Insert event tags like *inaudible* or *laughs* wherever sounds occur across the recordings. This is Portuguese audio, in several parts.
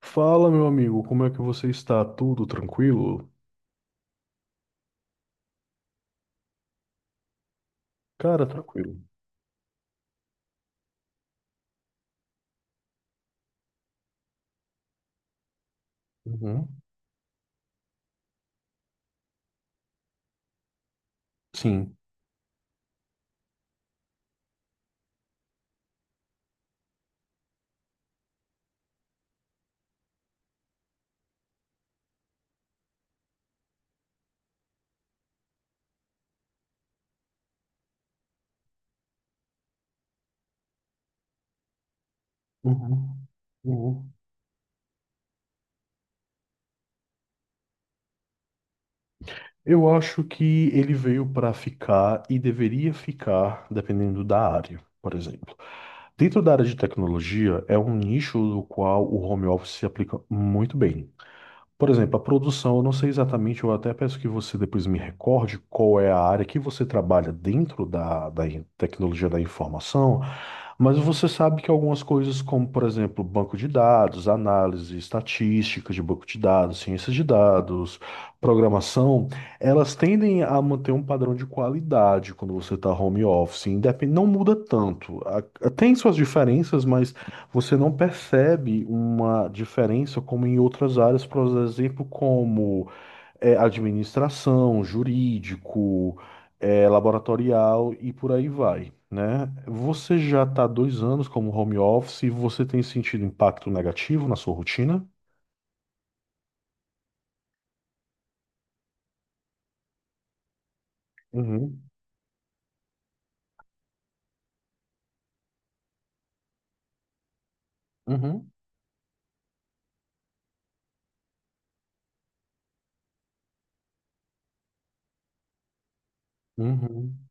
Fala, meu amigo, como é que você está? Tudo tranquilo? Cara, tranquilo. Uhum. Sim. Uhum. Uhum. Eu acho que ele veio para ficar e deveria ficar, dependendo da área, por exemplo. Dentro da área de tecnologia, é um nicho do qual o home office se aplica muito bem. Por exemplo, a produção, eu não sei exatamente, eu até peço que você depois me recorde qual é a área que você trabalha dentro da tecnologia da informação, mas você sabe que algumas coisas, como, por exemplo, banco de dados, análise estatística de banco de dados, ciência de dados, programação, elas tendem a manter um padrão de qualidade quando você está home office, independe, não muda tanto. A- Tem suas diferenças, mas você não percebe uma diferença como em outras áreas, por exemplo, como administração, jurídico, laboratorial e por aí vai, né? Você já está dois anos como home office e você tem sentido impacto negativo na sua rotina? Uhum, uhum, uhum,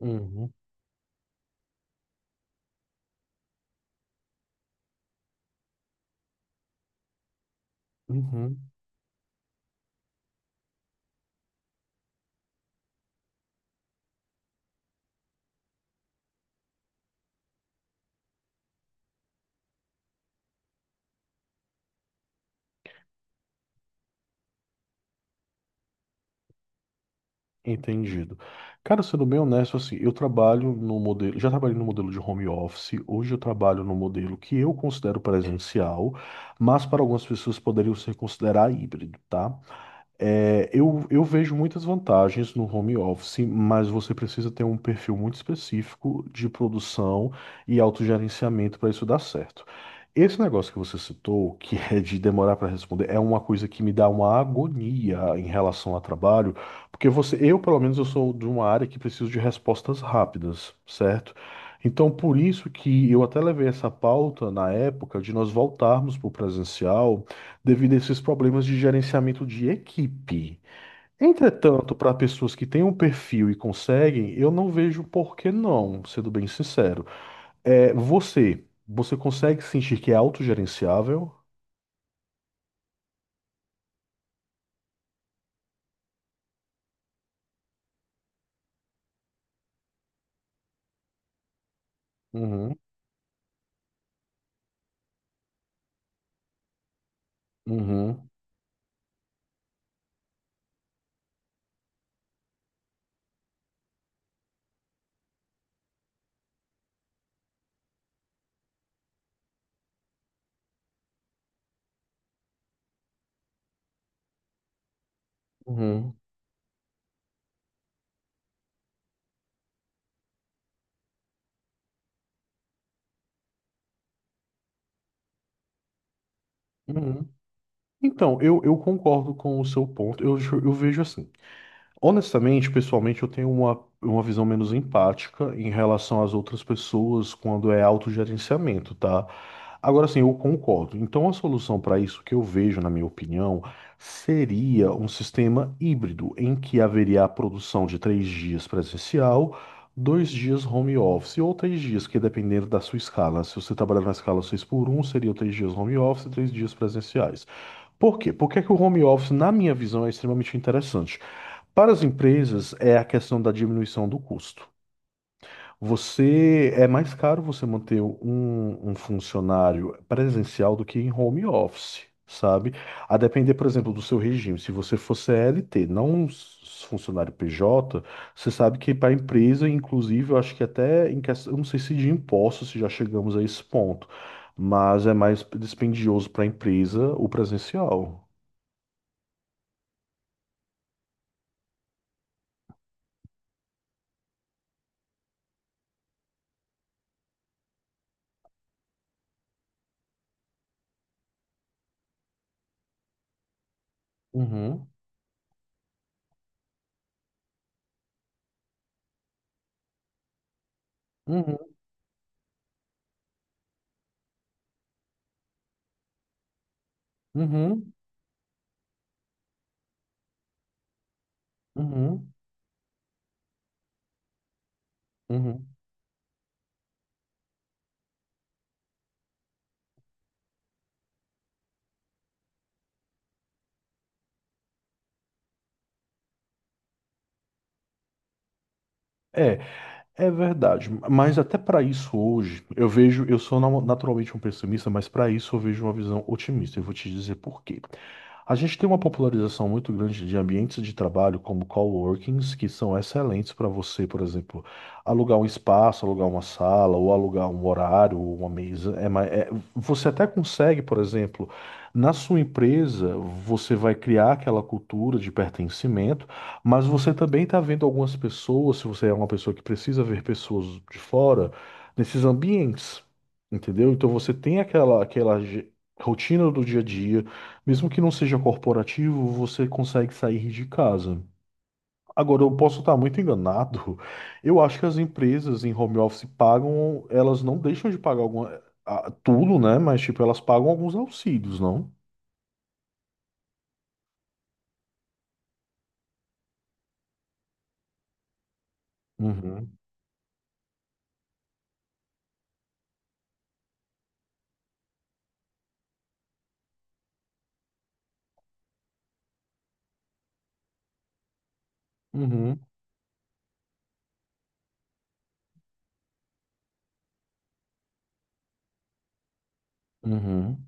uhum, uhum. Entendido. Cara, sendo bem honesto, assim, eu trabalho no modelo, já trabalhei no modelo de home office, hoje eu trabalho no modelo que eu considero presencial, mas para algumas pessoas poderiam ser considerar híbrido, tá? Eu vejo muitas vantagens no home office, mas você precisa ter um perfil muito específico de produção e autogerenciamento para isso dar certo. Esse negócio que você citou, que é de demorar para responder, é uma coisa que me dá uma agonia em relação ao trabalho, porque eu, pelo menos, eu sou de uma área que preciso de respostas rápidas, certo? Então, por isso que eu até levei essa pauta na época de nós voltarmos para o presencial devido a esses problemas de gerenciamento de equipe. Entretanto, para pessoas que têm um perfil e conseguem, eu não vejo por que não, sendo bem sincero. Você consegue sentir que é autogerenciável? Uhum, uhum, uhum, uhum. Então, eu concordo com o seu ponto. Eu vejo assim. Honestamente, pessoalmente, eu tenho uma visão menos empática em relação às outras pessoas quando é autogerenciamento, tá? Agora sim, eu concordo. Então, a solução para isso que eu vejo, na minha opinião, seria um sistema híbrido em que haveria a produção de três dias presencial, dois dias home office ou três dias, que dependendo da sua escala. Se você trabalhar na escala 6 por um, seria três dias home office e três dias presenciais. Por quê? Porque que o home office, na minha visão, é extremamente interessante? Para as empresas, é a questão da diminuição do custo. Você é mais caro você manter um funcionário presencial do que em home office, sabe? A depender, por exemplo, do seu regime. Se você for CLT, não um s- funcionário PJ, você sabe que para a empresa, inclusive, eu acho que até em questão, eu não sei se de impostos, se já chegamos a esse ponto, mas é mais dispendioso para a empresa o presencial. Uhum, uhum, uhum, uhum, uhum. É, É verdade, mas até para isso hoje, eu vejo, eu sou naturalmente um pessimista, mas para isso eu vejo uma visão otimista. Eu vou te dizer por quê. A gente tem uma popularização muito grande de ambientes de trabalho como coworkings, que são excelentes para você, por exemplo, alugar um espaço, alugar uma sala, ou alugar um horário, ou uma mesa. Você até consegue, por exemplo, na sua empresa, você vai criar aquela cultura de pertencimento, mas você também está vendo algumas pessoas, se você é uma pessoa que precisa ver pessoas de fora, nesses ambientes, entendeu? Então você tem aquela rotina do dia a dia. Mesmo que não seja corporativo, você consegue sair de casa. Agora, eu posso estar muito enganado. Eu acho que as empresas em home office pagam, elas não deixam de pagar alguma, ah, tudo, né? Mas, tipo, elas pagam alguns auxílios, não? Uhum, uhum, uhum,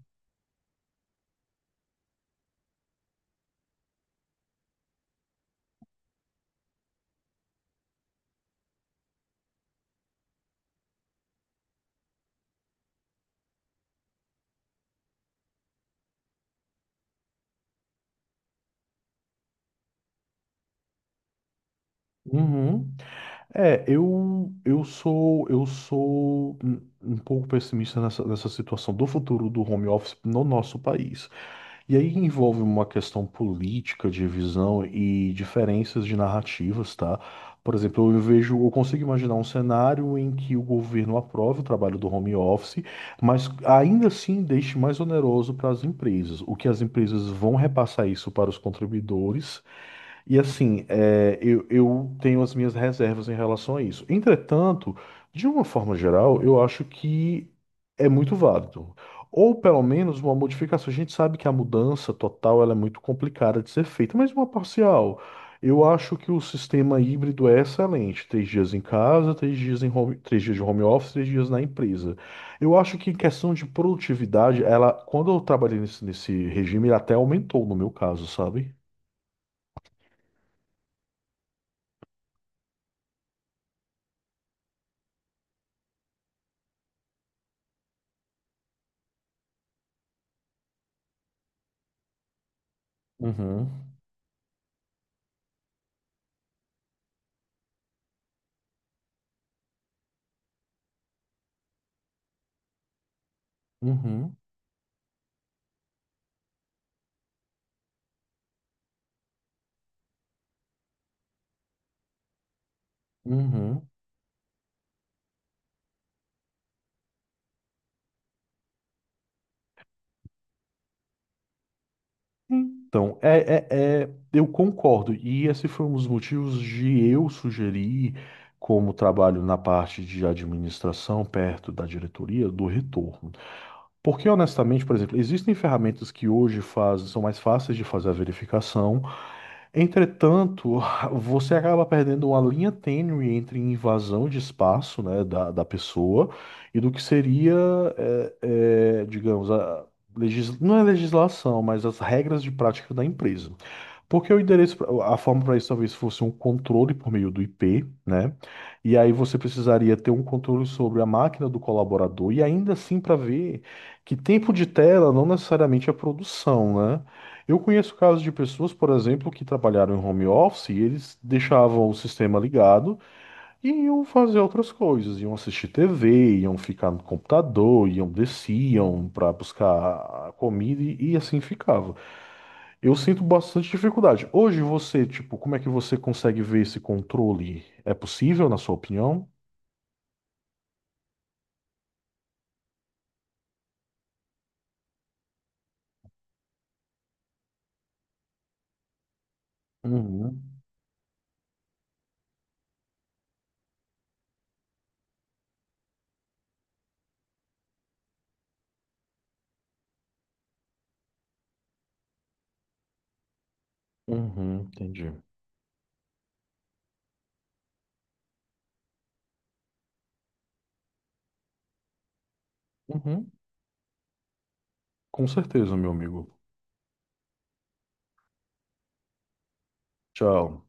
uhum. É, eu sou um um pouco pessimista nessa situação do futuro do home office no nosso país. E aí envolve uma questão política de visão e diferenças de narrativas, tá? Por exemplo, eu vejo, eu consigo imaginar um cenário em que o governo aprove o trabalho do home office, mas ainda assim deixe mais oneroso para as empresas. O que as empresas vão repassar isso para os contribuidores e assim, eu tenho as minhas reservas em relação a isso. Entretanto, de uma forma geral, eu acho que é muito válido. Ou pelo menos uma modificação. A gente sabe que a mudança total ela é muito complicada de ser feita, mas uma parcial. Eu acho que o sistema híbrido é excelente. Três dias em casa, três dias em home, três dias de home office, três dias na empresa. Eu acho que em questão de produtividade, ela, quando eu trabalhei nesse regime, ela até aumentou no meu caso, sabe? Uhum. Uhum, uhum. Então, eu concordo. E esse foi um dos motivos de eu sugerir, como trabalho na parte de administração, perto da diretoria, do retorno. Porque, honestamente, por exemplo, existem ferramentas que hoje fazem, são mais fáceis de fazer a verificação. Entretanto, *laughs* você acaba perdendo uma linha tênue entre invasão de espaço, né, da pessoa e do que seria, é, digamos, a não é legislação, mas as regras de prática da empresa. Porque o endereço, a forma para isso talvez fosse um controle por meio do IP, né? E aí você precisaria ter um controle sobre a máquina do colaborador e ainda assim para ver que tempo de tela não necessariamente é produção, né? Eu conheço casos de pessoas, por exemplo, que trabalharam em home office e eles deixavam o sistema ligado e iam fazer outras coisas, iam assistir TV, iam ficar no computador, iam desciam para buscar comida e assim ficava. Eu sinto bastante dificuldade. Hoje você, tipo, como é que você consegue ver esse controle? É possível, na sua opinião? Uhum. Uhum, entendi. Uhum. Com certeza, meu amigo. Tchau.